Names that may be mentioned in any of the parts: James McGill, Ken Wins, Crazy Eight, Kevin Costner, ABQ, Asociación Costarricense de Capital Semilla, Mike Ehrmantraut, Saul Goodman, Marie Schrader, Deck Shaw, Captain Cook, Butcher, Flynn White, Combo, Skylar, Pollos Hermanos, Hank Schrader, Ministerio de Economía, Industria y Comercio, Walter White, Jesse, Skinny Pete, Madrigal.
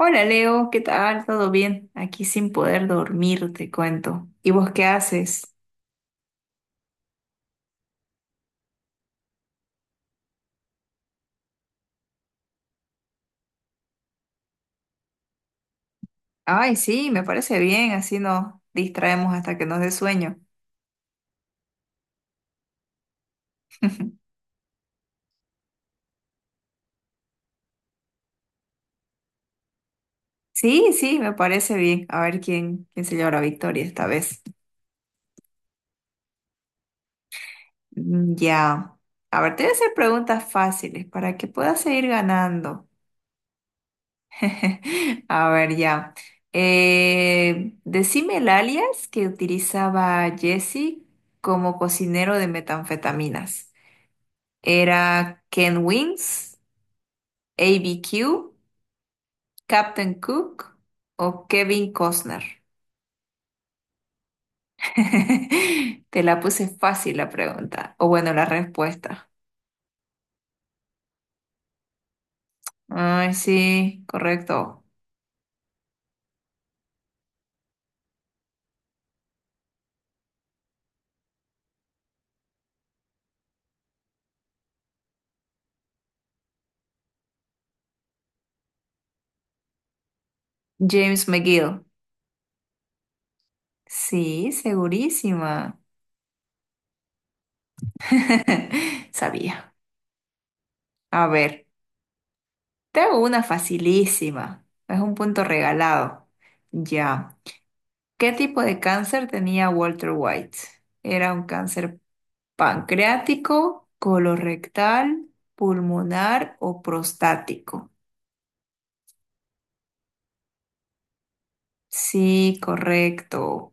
Hola Leo, ¿qué tal? ¿Todo bien? Aquí sin poder dormir, te cuento. ¿Y vos qué haces? Ay, sí, me parece bien, así nos distraemos hasta que nos dé sueño. Sí, sí, me parece bien. A ver quién se lleva la victoria esta vez. Mm, ya. A ver, te voy a hacer preguntas fáciles para que puedas seguir ganando. A ver, ya. Decime el alias que utilizaba Jesse como cocinero de metanfetaminas. ¿Era Ken Wins, ABQ, Captain Cook o Kevin Costner? Te la puse fácil la pregunta, o bueno, la respuesta. Ay, sí, correcto. James McGill. Sí, segurísima. Sabía. A ver, te hago una facilísima. Es un punto regalado. Ya. ¿Qué tipo de cáncer tenía Walter White? ¿Era un cáncer pancreático, colorectal, pulmonar o prostático? Sí, correcto.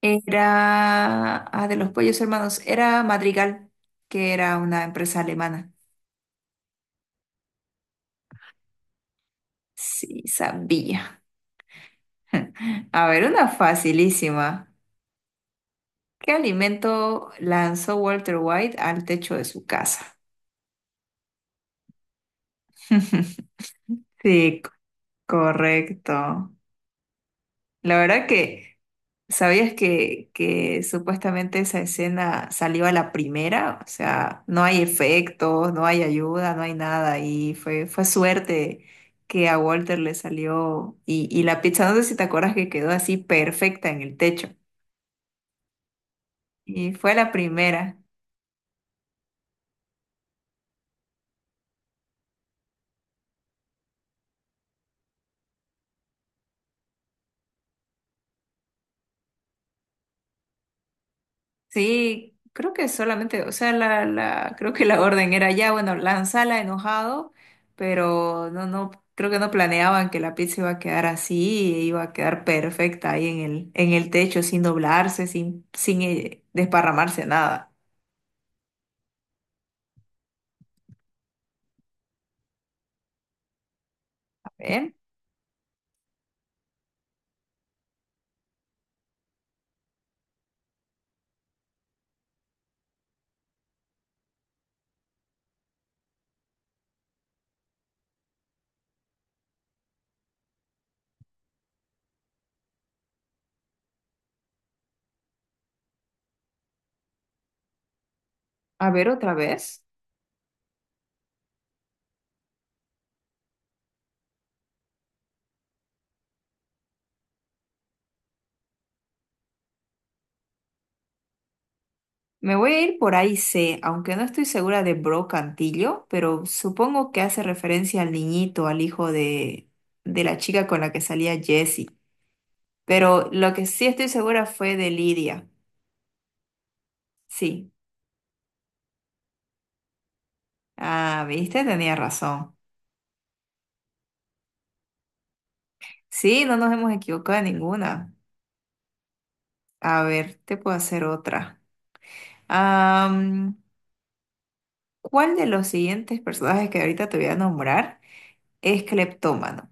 Era, ah, de los pollos hermanos, era Madrigal, que era una empresa alemana. Sí, sabía. A ver, una facilísima. ¿Qué alimento lanzó Walter White al techo de su casa? Sí, correcto. La verdad que ¿Sabías que supuestamente esa escena salió a la primera? O sea, no hay efectos, no hay ayuda, no hay nada. Y fue suerte que a Walter le salió. Y la pizza, no sé si te acuerdas que quedó así perfecta en el techo. Y fue la primera. Sí, creo que solamente, o sea, creo que la orden era ya, bueno, lanzala enojado, pero no, creo que no planeaban que la pizza iba a quedar así, e iba a quedar perfecta ahí en el techo, sin doblarse, sin desparramarse nada. A ver, a ver otra vez. Me voy a ir por ahí C, aunque no estoy segura de Brocantillo, pero supongo que hace referencia al niñito, al hijo de la chica con la que salía Jessie. Pero lo que sí estoy segura fue de Lidia. Sí. Ah, viste, tenía razón. Sí, no nos hemos equivocado en ninguna. A ver, te puedo hacer otra. Am, ¿Cuál de los siguientes personajes que ahorita te voy a nombrar es cleptómano?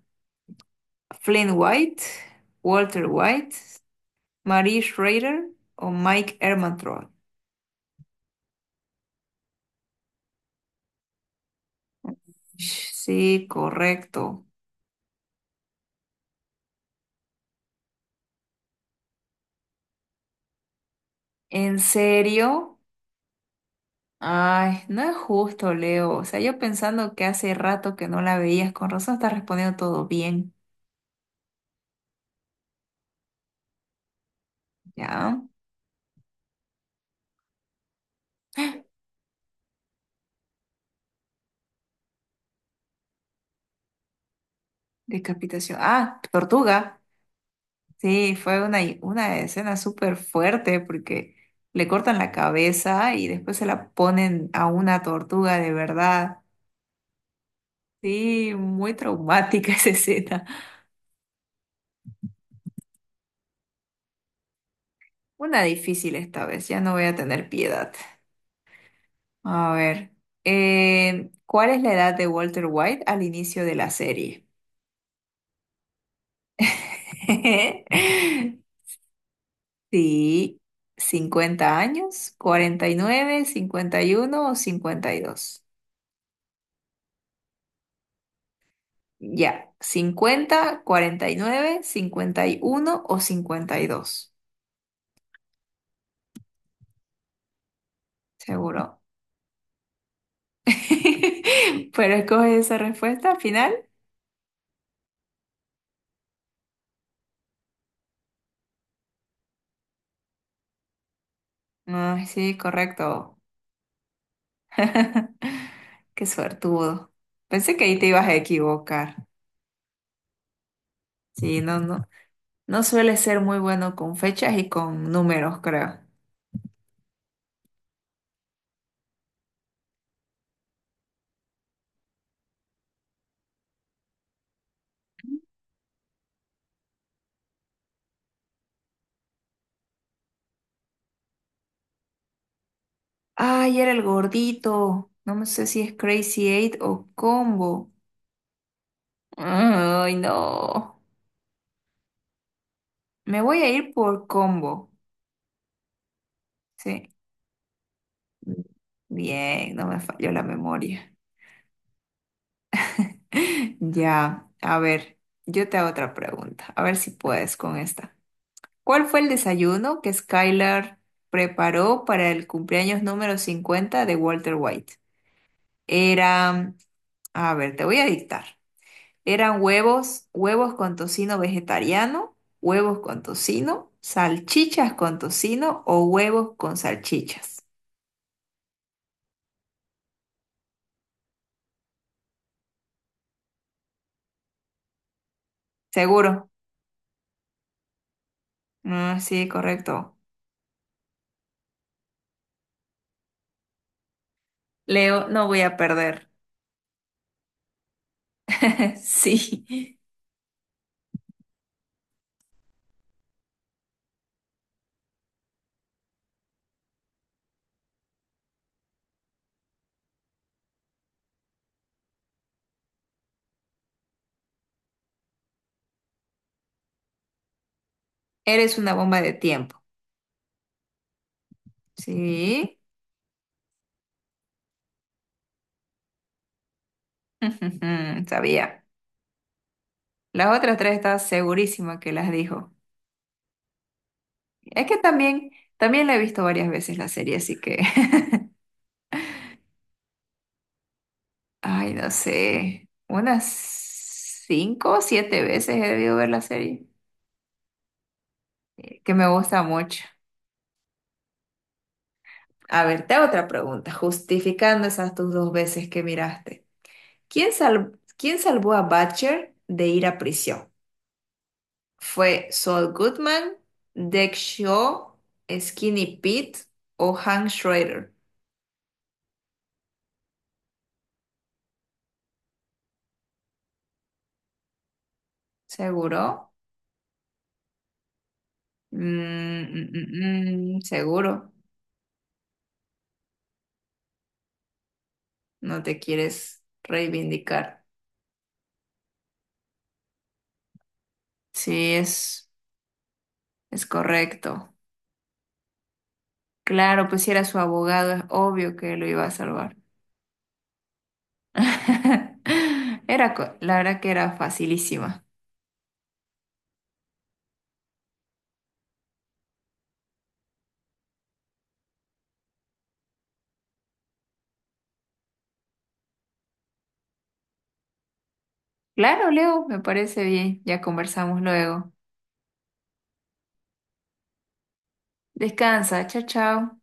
¿Flynn White, Walter White, Marie Schrader o Mike Ehrmantraut? Sí, correcto. ¿En serio? Ay, no es justo, Leo. O sea, yo pensando que hace rato que no la veías, con razón estás respondiendo todo bien. Ya, decapitación. Ah, tortuga. Sí, fue una escena súper fuerte porque le cortan la cabeza y después se la ponen a una tortuga de verdad. Sí, muy traumática esa escena. Una difícil esta vez, ya no voy a tener piedad. A ver, ¿cuál es la edad de Walter White al inicio de la serie? Sí, 50 años, 49, 51 o 52. Ya, 50, 49, cincuenta y uno o cincuenta y dos. Seguro. Pero escoge esa respuesta al final. Ay, sí, correcto. Qué suertudo. Pensé que ahí te ibas a equivocar. Sí, no, no. No suele ser muy bueno con fechas y con números, creo. Ay, era el gordito. No me sé si es Crazy Eight o Combo. Ay, no. Me voy a ir por Combo. Sí. Bien, no me falló la memoria. Ya, a ver, yo te hago otra pregunta. A ver si puedes con esta. ¿Cuál fue el desayuno que Skylar preparó para el cumpleaños número 50 de Walter White? Era, a ver, te voy a dictar. Eran huevos, huevos con tocino vegetariano, huevos con tocino, salchichas con tocino o huevos con salchichas. ¿Seguro? Ah, sí, correcto. Leo, no voy a perder. Sí, eres una bomba de tiempo. Sí, sabía. Las otras tres estás segurísima que las dijo. Es que también la he visto varias veces la serie, así que, ay, no sé, unas 5 o 7 veces he debido ver la serie. Que me gusta mucho. A ver, te hago otra pregunta, justificando esas tus 2 veces que miraste. ¿ Quién salvó a Butcher de ir a prisión? ¿Fue Saul Goodman, Deck Shaw, Skinny Pete o Hank Schrader? ¿Seguro? Seguro. No te quieres reivindicar. Sí, es correcto. Claro, pues si era su abogado, es obvio que lo iba a salvar. Era, la verdad que era facilísima. Claro, Leo, me parece bien. Ya conversamos luego. Descansa, chao, chao.